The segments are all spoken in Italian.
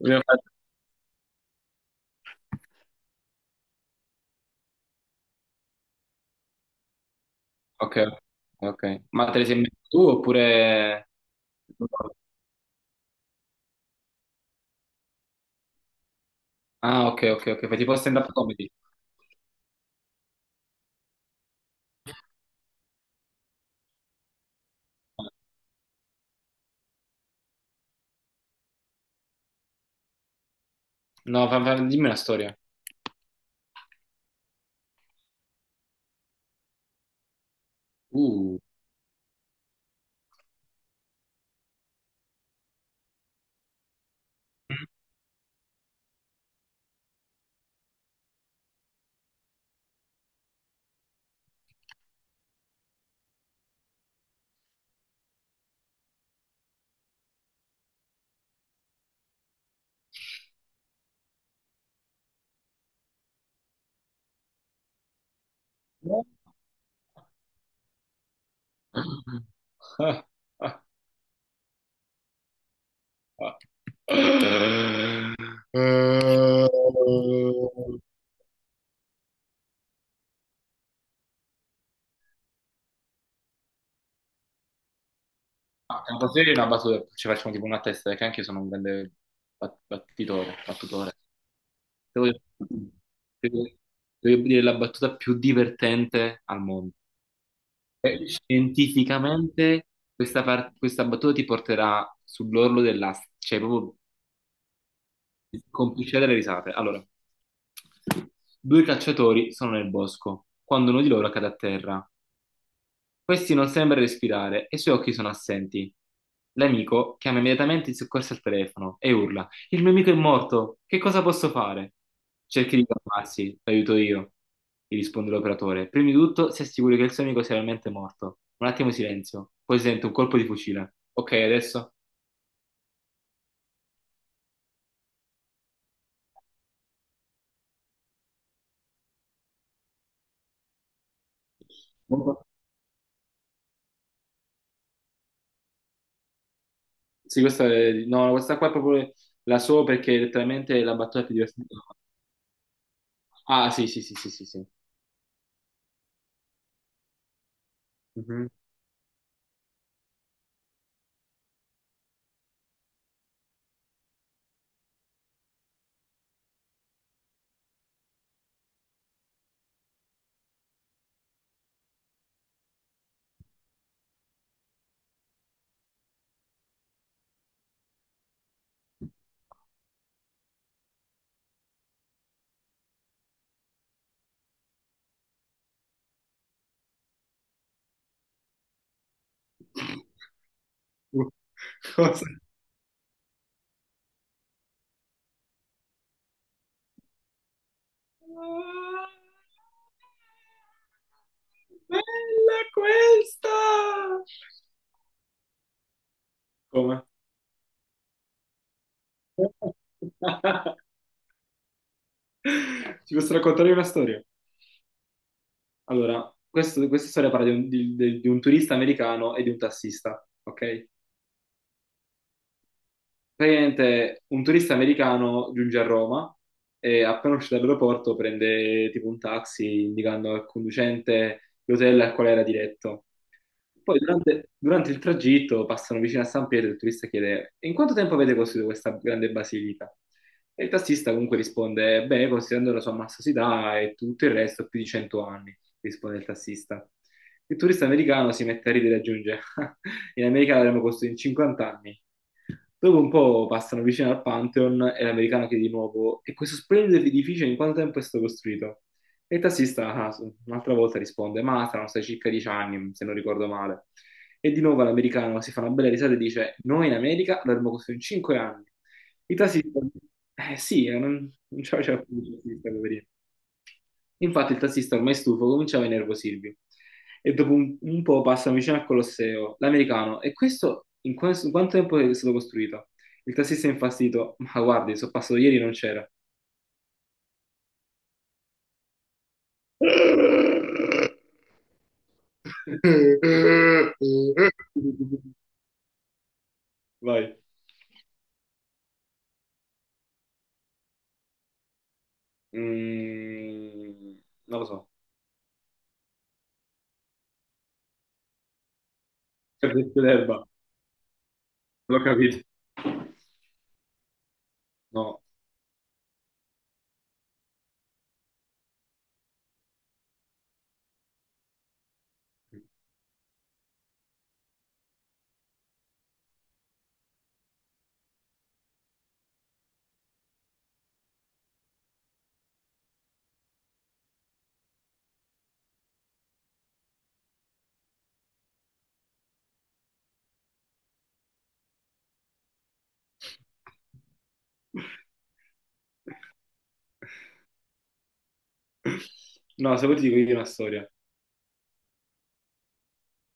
Io- Ok, ok. Ma te le sei messo tu oppure... Ah, ok, ok, ok. Fai tipo stand-up comedy. No, dimmi una storia. Uh. Ah, ah, ah. Eh, ah, una battuta, una battuta. Ci facciamo tipo una testa, che anche io sono un grande battitore, battutore. Devo, devo- Devo dire la battuta più divertente al mondo. Scientificamente questa, questa battuta ti porterà sull'orlo dell'asta, cioè proprio complicità delle risate. Allora, due cacciatori sono nel bosco, quando uno di loro cade a terra. Questi non sembra respirare e i suoi occhi sono assenti. L'amico chiama immediatamente il soccorso al telefono e urla: "Il mio amico è morto, che cosa posso fare?" "Cerchi di calmarsi, l'aiuto io", gli risponde l'operatore. "Prima di tutto, si assicuri che il suo amico sia realmente morto." Un attimo di silenzio, poi si sente un colpo di fucile. "Ok, adesso?" No, questa qua è proprio la so perché è letteralmente la battuta più divertente. Ah, sì, sì, sì, sì, sì, sì. Mhm. Cosa? Bella questa! Come? Ti posso raccontare una storia? Allora, questa storia parla di un, di un turista americano e di un tassista, ok? Praticamente un turista americano giunge a Roma e appena uscito dall'aeroporto prende tipo un taxi indicando al conducente l'hotel al quale era diretto. Poi durante il tragitto passano vicino a San Pietro e il turista chiede in quanto tempo avete costruito questa grande basilica? E il tassista comunque risponde, beh, considerando la sua massosità e tutto il resto, più di 100 anni, risponde il tassista. Il turista americano si mette a ridere e aggiunge, in America l'avremmo costruito in 50 anni. Dopo un po' passano vicino al Pantheon e l'americano chiede di nuovo, e questo splendido edificio in quanto tempo è stato costruito? E il tassista, ah, un'altra volta risponde, ma saranno stati circa 10 anni, se non ricordo male. E di nuovo l'americano si fa una bella risata e dice, noi in America l'avremmo costruito in 5 anni. Il tassista, eh sì, non ce la faceva più il tassista, poverino. Infatti il tassista ormai stufo cominciava a innervosirvi. E dopo un po' passano vicino al Colosseo. L'americano, e questo in quanto tempo è stato costruito? Il tassista è infastidito, ma guardi, sono passato ieri e non c'era. Vai. Mm, non lo so. Cardecchio d'erba. L'ho capito. No. No, se vuoi ti dico io una storia.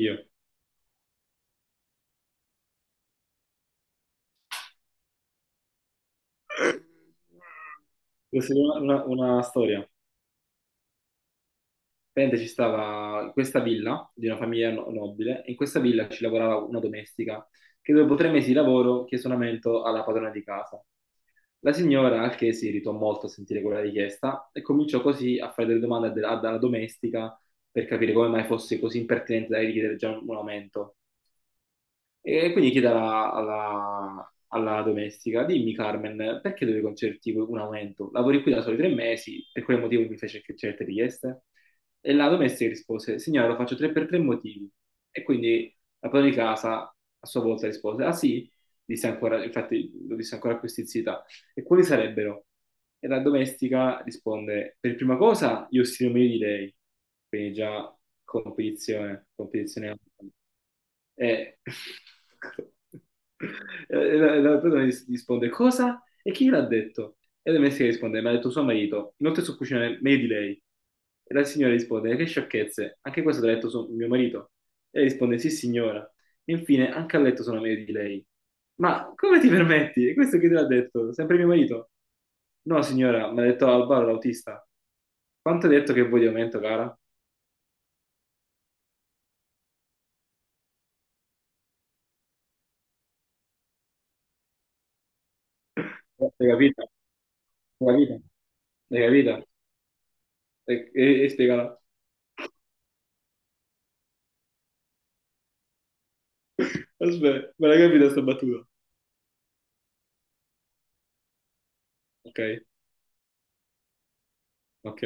Io. Questa è una, una storia. Praticamente ci stava questa villa di una famiglia nobile, e in questa villa ci lavorava una domestica che dopo 3 mesi di lavoro chiese un aumento alla padrona di casa. La signora, al che si irritò molto a sentire quella richiesta, e cominciò così a fare delle alla domestica per capire come mai fosse così impertinente da richiedere già un aumento. E quindi chiede alla domestica, dimmi Carmen, perché devi concederti un aumento? Lavori qui da soli 3 mesi, per quale motivo mi certe richieste? E la domestica rispose, signora, lo faccio tre per tre motivi. E quindi la padrona di casa a sua volta rispose, ah sì? Disse ancora, infatti lo disse ancora a questi zii e quali sarebbero? E la domestica risponde, per prima cosa, io stimo meglio di lei, quindi già competizione alta. E e la persona risponde, cosa? E chi l'ha detto? E la domestica risponde, mi ha detto suo marito, inoltre so cucinare meglio di lei. E la signora risponde, che sciocchezze, anche questo te l'ha detto mio marito. E lei risponde, sì signora. E infine, anche a letto sono meglio di lei. Ma come ti permetti? E questo chi te l'ha detto? Sempre mio marito? No, signora, mi ha detto Alvaro, l'autista. Quanto hai detto che vuoi di aumento, cara? Eh, L'hai capita? L'hai capita? L'hai capita? E spiegala. Aspetta, me l'hai capita sta battuta? Ok, ok.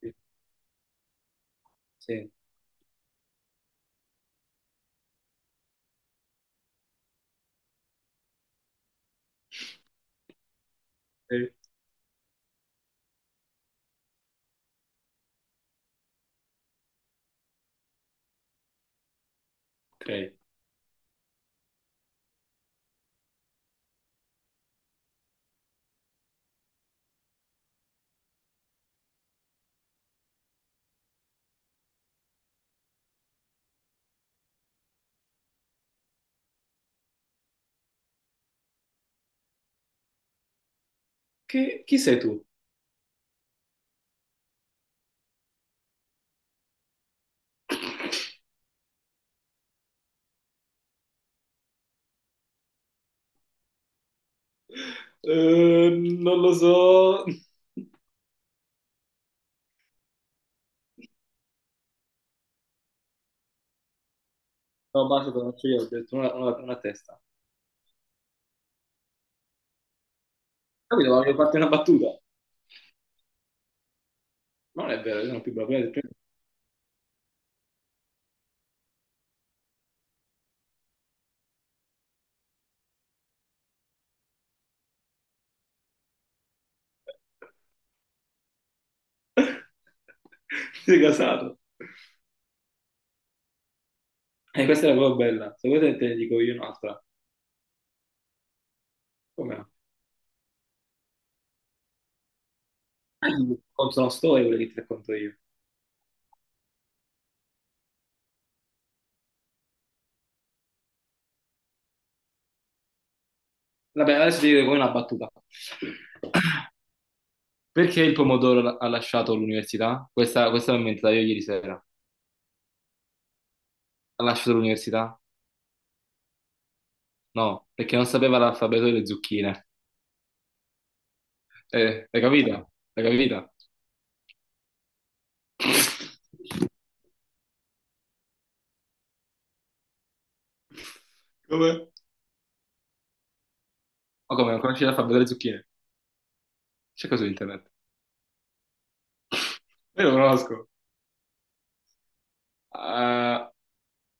Sì. Sì, ok. Che, chi sei tu? Eh, non lo so. No, basta, te lo faccio io, ho detto una testa. Capito? Avevo fatto una battuta. Ma non è vero, io sono più bravo prima del primo. Sei casato. E questa era proprio bella. Se vuoi te te ne dico io un'altra. Come no? Racconto una storia, quella che ti racconto io. Vabbè, adesso ti dico come una battuta. Perché il pomodoro ha lasciato l'università? Questa l'ho inventata io ieri sera. Ha lasciato l'università? No, perché non sapeva l'alfabeto delle zucchine. L'hai capita? L'hai capita? Come? Ma come, non conosci l'alfabeto delle zucchine? Cerca su internet. Io lo conosco. Ah,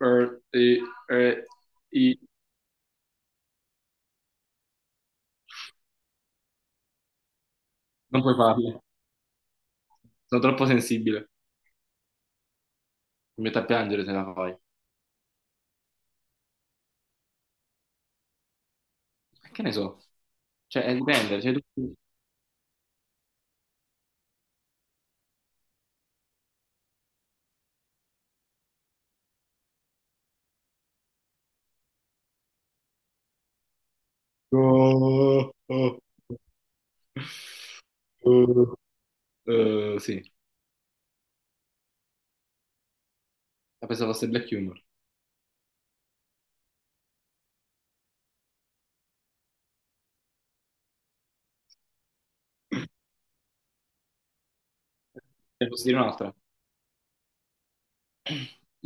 er, e- e- i- Non puoi farlo. Sono troppo sensibile. Mi metto a piangere se la fai. Che ne so? Cioè, dipende. Cioè, tu... Oh, oh, oh. Sì, la pensavo fosse black humor. Ne posso dire un'altra?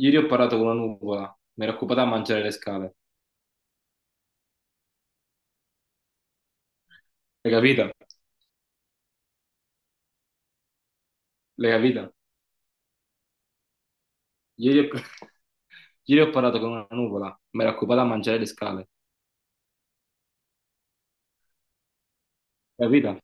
Ieri ho parlato con una nuvola, mi ero occupata a mangiare le scale. L'hai capita? L'hai capita? Ieri ho... Ieri ho parlato con una nuvola, mi ero occupata a mangiare le scale. L'hai capita?